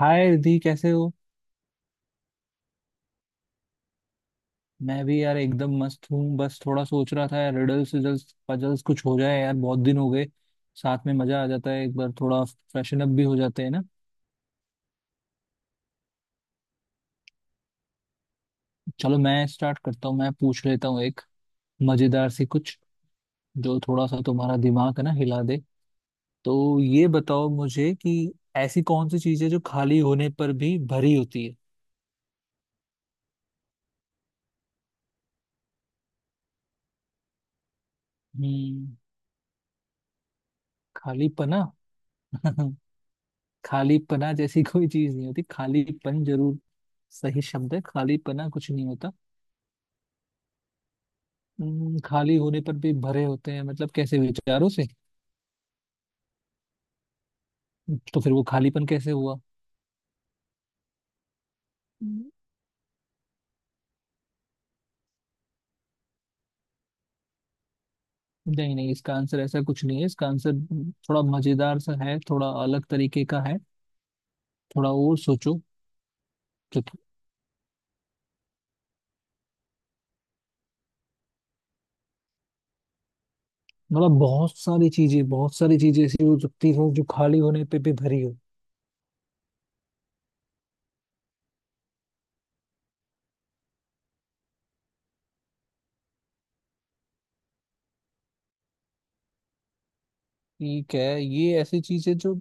हाय रिधि कैसे हो। मैं भी यार एकदम मस्त हूँ। बस थोड़ा सोच रहा था यार, रिडल्स रिडल्स पजल्स कुछ हो जाए यार, बहुत दिन हो गए। साथ में मजा आ जाता है, एक बार थोड़ा फ्रेशन अप भी हो जाते हैं ना। चलो मैं स्टार्ट करता हूँ, मैं पूछ लेता हूँ एक मजेदार सी कुछ, जो थोड़ा सा तुम्हारा दिमाग है ना हिला दे। तो ये बताओ मुझे कि ऐसी कौन सी चीज़ है जो खाली होने पर भी भरी होती है। हम्म। खाली पना। खालीपना जैसी कोई चीज नहीं होती, खालीपन जरूर सही शब्द है। खालीपना कुछ नहीं होता। खाली होने पर भी भरे होते हैं मतलब, कैसे विचारों से? तो फिर वो खालीपन कैसे हुआ? हम्म, नहीं नहीं, इसका आंसर ऐसा कुछ नहीं है। इसका आंसर थोड़ा मजेदार सा है, थोड़ा अलग तरीके का है। थोड़ा और सोचो तो। मतलब बहुत सारी चीजें, बहुत सारी चीजें ऐसी हो सकती हो जो खाली होने पे भी भरी हो। ठीक है, ये ऐसी चीज है जो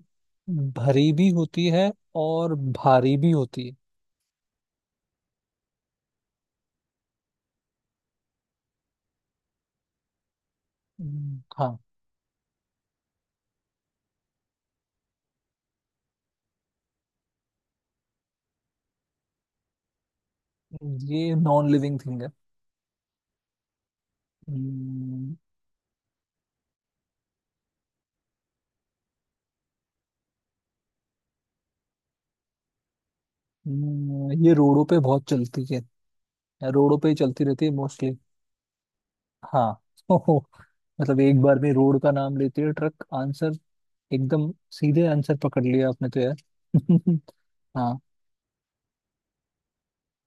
भरी भी होती है और भारी भी होती है। हाँ। ये नॉन लिविंग थिंग है। हम्म। ये रोडों पे बहुत चलती है। रोडों पे ही चलती रहती है मोस्टली। हाँ ओहो, मतलब एक बार में रोड का नाम लेते है ट्रक आंसर। एकदम सीधे आंसर पकड़ लिया आपने तो यार हाँ।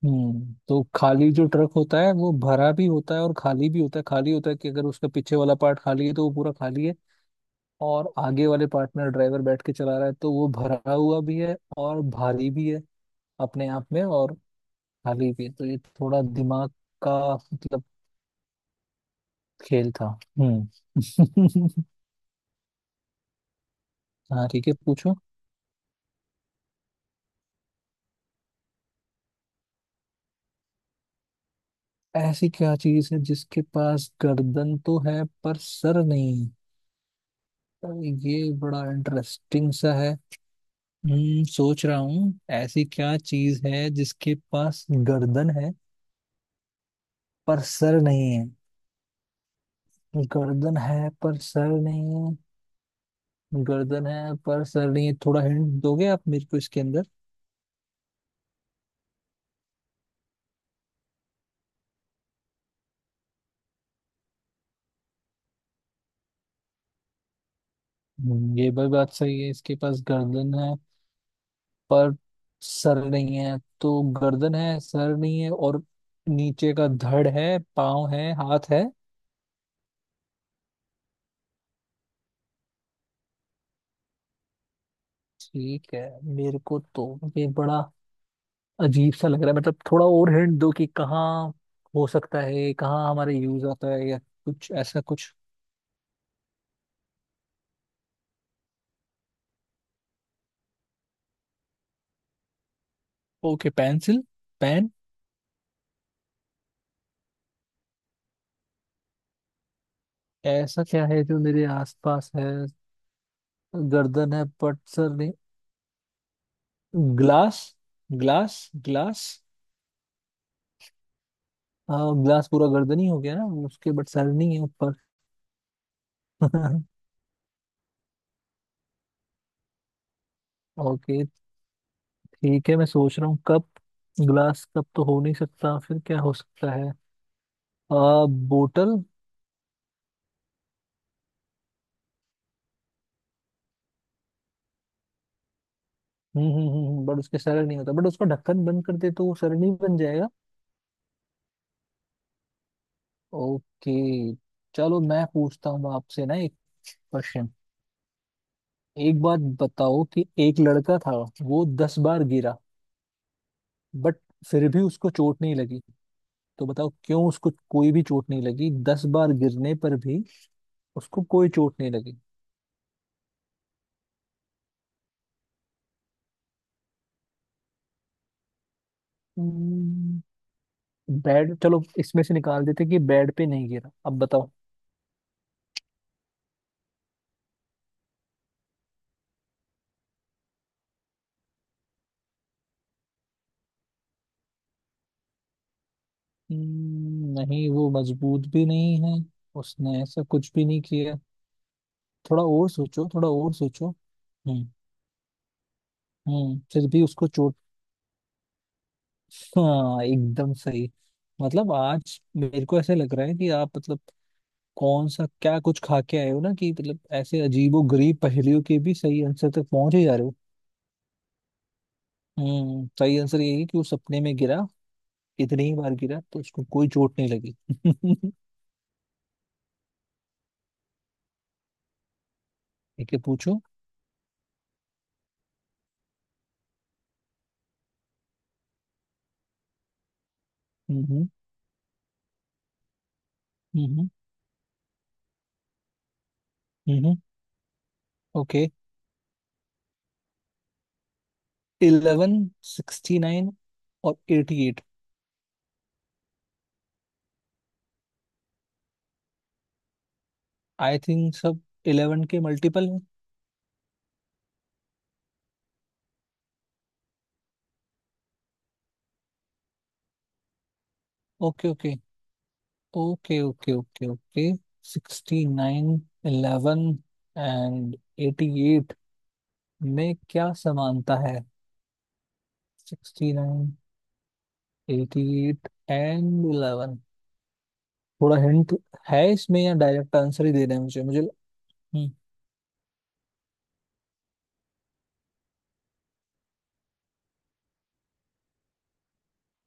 हम्म, तो खाली जो ट्रक होता है वो भरा भी होता है और खाली भी होता है। खाली होता है कि अगर उसका पीछे वाला पार्ट खाली है तो वो पूरा खाली है, और आगे वाले पार्ट में ड्राइवर बैठ के चला रहा है तो वो भरा हुआ भी है और भारी भी है अपने आप में, और खाली भी। तो ये थोड़ा दिमाग का मतलब खेल था। हम्म। हाँ ठीक है, पूछो। ऐसी क्या चीज है जिसके पास गर्दन तो है पर सर नहीं? तो ये बड़ा इंटरेस्टिंग सा है। हम्म, सोच रहा हूँ। ऐसी क्या चीज है जिसके पास गर्दन है पर सर नहीं है? गर्दन है पर सर नहीं है। गर्दन है पर सर नहीं है, थोड़ा हिंट दोगे आप मेरे को इसके अंदर? ये भी बात सही है। इसके पास गर्दन है पर सर नहीं है। तो गर्दन है, सर नहीं है, और नीचे का धड़ है, पाँव है, हाथ है। ठीक है। मेरे को तो ये बड़ा अजीब सा लग रहा है। मतलब थोड़ा और हिंट दो कि कहाँ हो सकता है, कहाँ हमारे यूज आता है या कुछ ऐसा कुछ। Okay, pencil, pen? ऐसा क्या है जो मेरे आसपास है? गर्दन है बट सर नहीं। Glass, glass, glass. हाँ, ग्लास पूरा गर्दन ही हो गया ना उसके, बट सर नहीं है ऊपर। ओके, ठीक है, मैं सोच रहा हूँ, कप? ग्लास कप तो हो नहीं सकता, फिर क्या हो सकता है? बोतल। बट उसके सर नहीं होता। बट उसका ढक्कन बंद कर दे तो वो सर नहीं बन जाएगा? ओके। चलो, मैं पूछता हूँ आपसे ना एक क्वेश्चन। एक बात बताओ कि एक लड़का था, वो दस बार गिरा, बट फिर भी उसको चोट नहीं लगी। तो बताओ क्यों उसको कोई भी चोट नहीं लगी, दस बार गिरने पर भी उसको कोई चोट नहीं लगी। हम्म, बेड चलो इसमें से निकाल देते कि बेड पे नहीं गिरा, अब बताओ। नहीं, वो मजबूत भी नहीं है, उसने ऐसा कुछ भी नहीं किया। थोड़ा और सोचो, थोड़ा और सोचो। हम्म फिर भी उसको चोट। हाँ, एकदम सही। मतलब आज मेरे को ऐसे लग रहा है कि आप मतलब कौन सा क्या कुछ खा के आए हो ना कि, मतलब, ऐसे अजीबो गरीब पहेलियों के भी सही आंसर तक पहुंच ही जा रहे हो। हम्म, सही आंसर यही है कि वो सपने में गिरा, इतनी ही बार गिरा, तो उसको कोई चोट नहीं लगी ठीक है, पूछो। हम्म हम्म हम्म हम्म, ओके, इलेवन, सिक्सटी नाइन और एटी एट। आई थिंक सब इलेवन के मल्टीपल है। Okay okay okay okay, okay okay. Sixty nine, eleven and eighty eight में क्या समानता है? Sixty nine, eighty eight and eleven. थोड़ा हिंट है इसमें या डायरेक्ट आंसर ही दे रहे हैं मुझे मुझे? हम्म।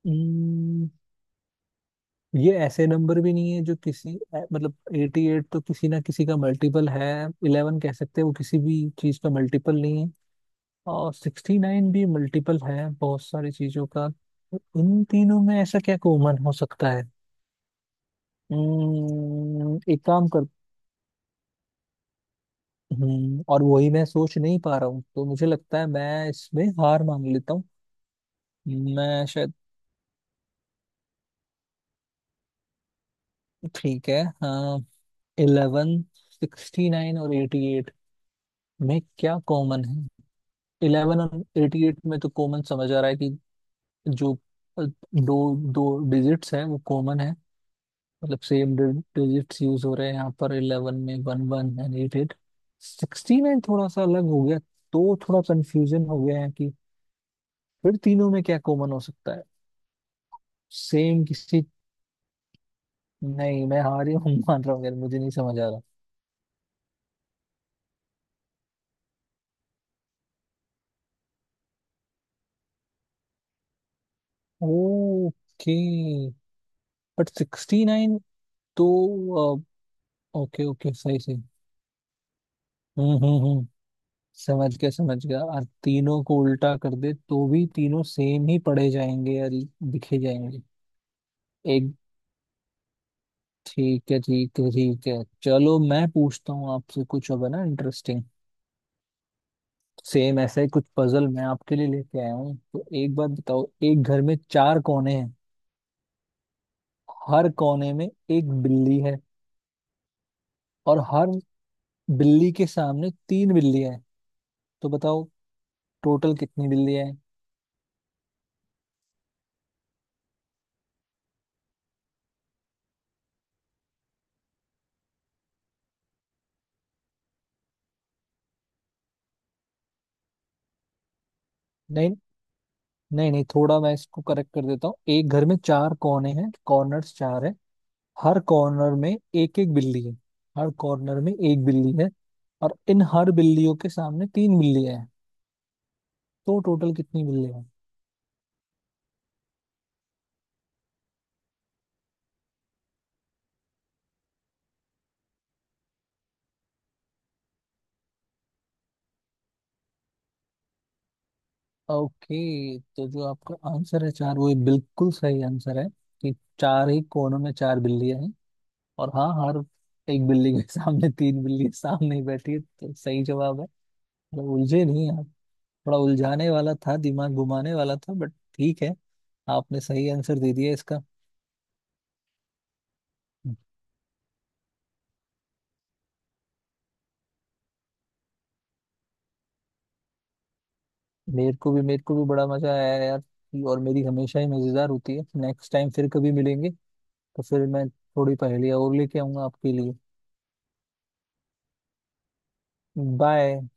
हम्म। ये ऐसे नंबर भी नहीं है जो किसी मतलब 88 तो किसी ना किसी का मल्टीपल है, 11 कह सकते हैं वो किसी भी चीज का मल्टीपल नहीं है, और 69 भी मल्टीपल है बहुत सारी चीजों का, तो इन तीनों में ऐसा क्या कॉमन हो सकता है? एक काम कर। और वही मैं सोच नहीं पा रहा हूँ, तो मुझे लगता है मैं इसमें हार मान लेता हूँ। मैं शायद, ठीक है, हाँ। इलेवन, सिक्सटी नाइन और एटी एट में क्या कॉमन है? इलेवन और एटी एट में तो कॉमन समझ आ रहा है कि जो अ, दो दो डिजिट्स हैं वो कॉमन है, मतलब सेम डिजिट्स यूज हो रहे हैं यहाँ पर, इलेवन में one one and eight eight. Sixty में थोड़ा सा अलग हो गया, तो थोड़ा कंफ्यूजन हो गया है कि फिर तीनों में क्या कॉमन हो सकता है? सेम किसी, नहीं मैं हार ही हूँ मान रहा हूँ यार, मुझे नहीं समझ आ रहा। ओके, बट सिक्सटी नाइन तो। ओके ओके, सही सही। हम्म हम्म हम्म समझ गया समझ गया। और तीनों को उल्टा कर दे तो भी तीनों सेम ही पढ़े जाएंगे या दिखे जाएंगे? एक, ठीक है ठीक है ठीक है। चलो मैं पूछता हूँ आपसे कुछ अब, है ना, इंटरेस्टिंग। सेम ऐसा ही कुछ पजल मैं आपके लिए लेके आया हूँ, तो एक बात बताओ, एक घर में चार कोने हैं, हर कोने में एक बिल्ली है, और हर बिल्ली के सामने तीन बिल्लियां हैं, तो बताओ टोटल कितनी बिल्लियां हैं? नहीं नहीं नहीं, थोड़ा मैं इसको करेक्ट कर देता हूँ। एक घर में चार कोने हैं, कॉर्नर्स चार है, हर कॉर्नर में एक एक बिल्ली है, हर कॉर्नर में एक बिल्ली है, और इन हर बिल्लियों के सामने तीन बिल्लियां हैं, तो टोटल कितनी बिल्लियां हैं? ओके, तो जो आपका आंसर है चार, वो बिल्कुल सही आंसर है कि चार ही कोनों में चार बिल्लियां हैं, और हाँ, हर एक बिल्ली के सामने तीन बिल्ली सामने ही बैठी है, तो सही जवाब है। मतलब उलझे नहीं आप। थोड़ा उलझाने वाला था, दिमाग घुमाने वाला था, बट ठीक है, आपने सही आंसर दे दिया इसका। मेरे को भी, मेरे को भी बड़ा मजा आया यार। और मेरी हमेशा ही मजेदार होती है। नेक्स्ट टाइम फिर कभी मिलेंगे तो फिर मैं थोड़ी पहेलियाँ और लेके आऊंगा आपके लिए। बाय।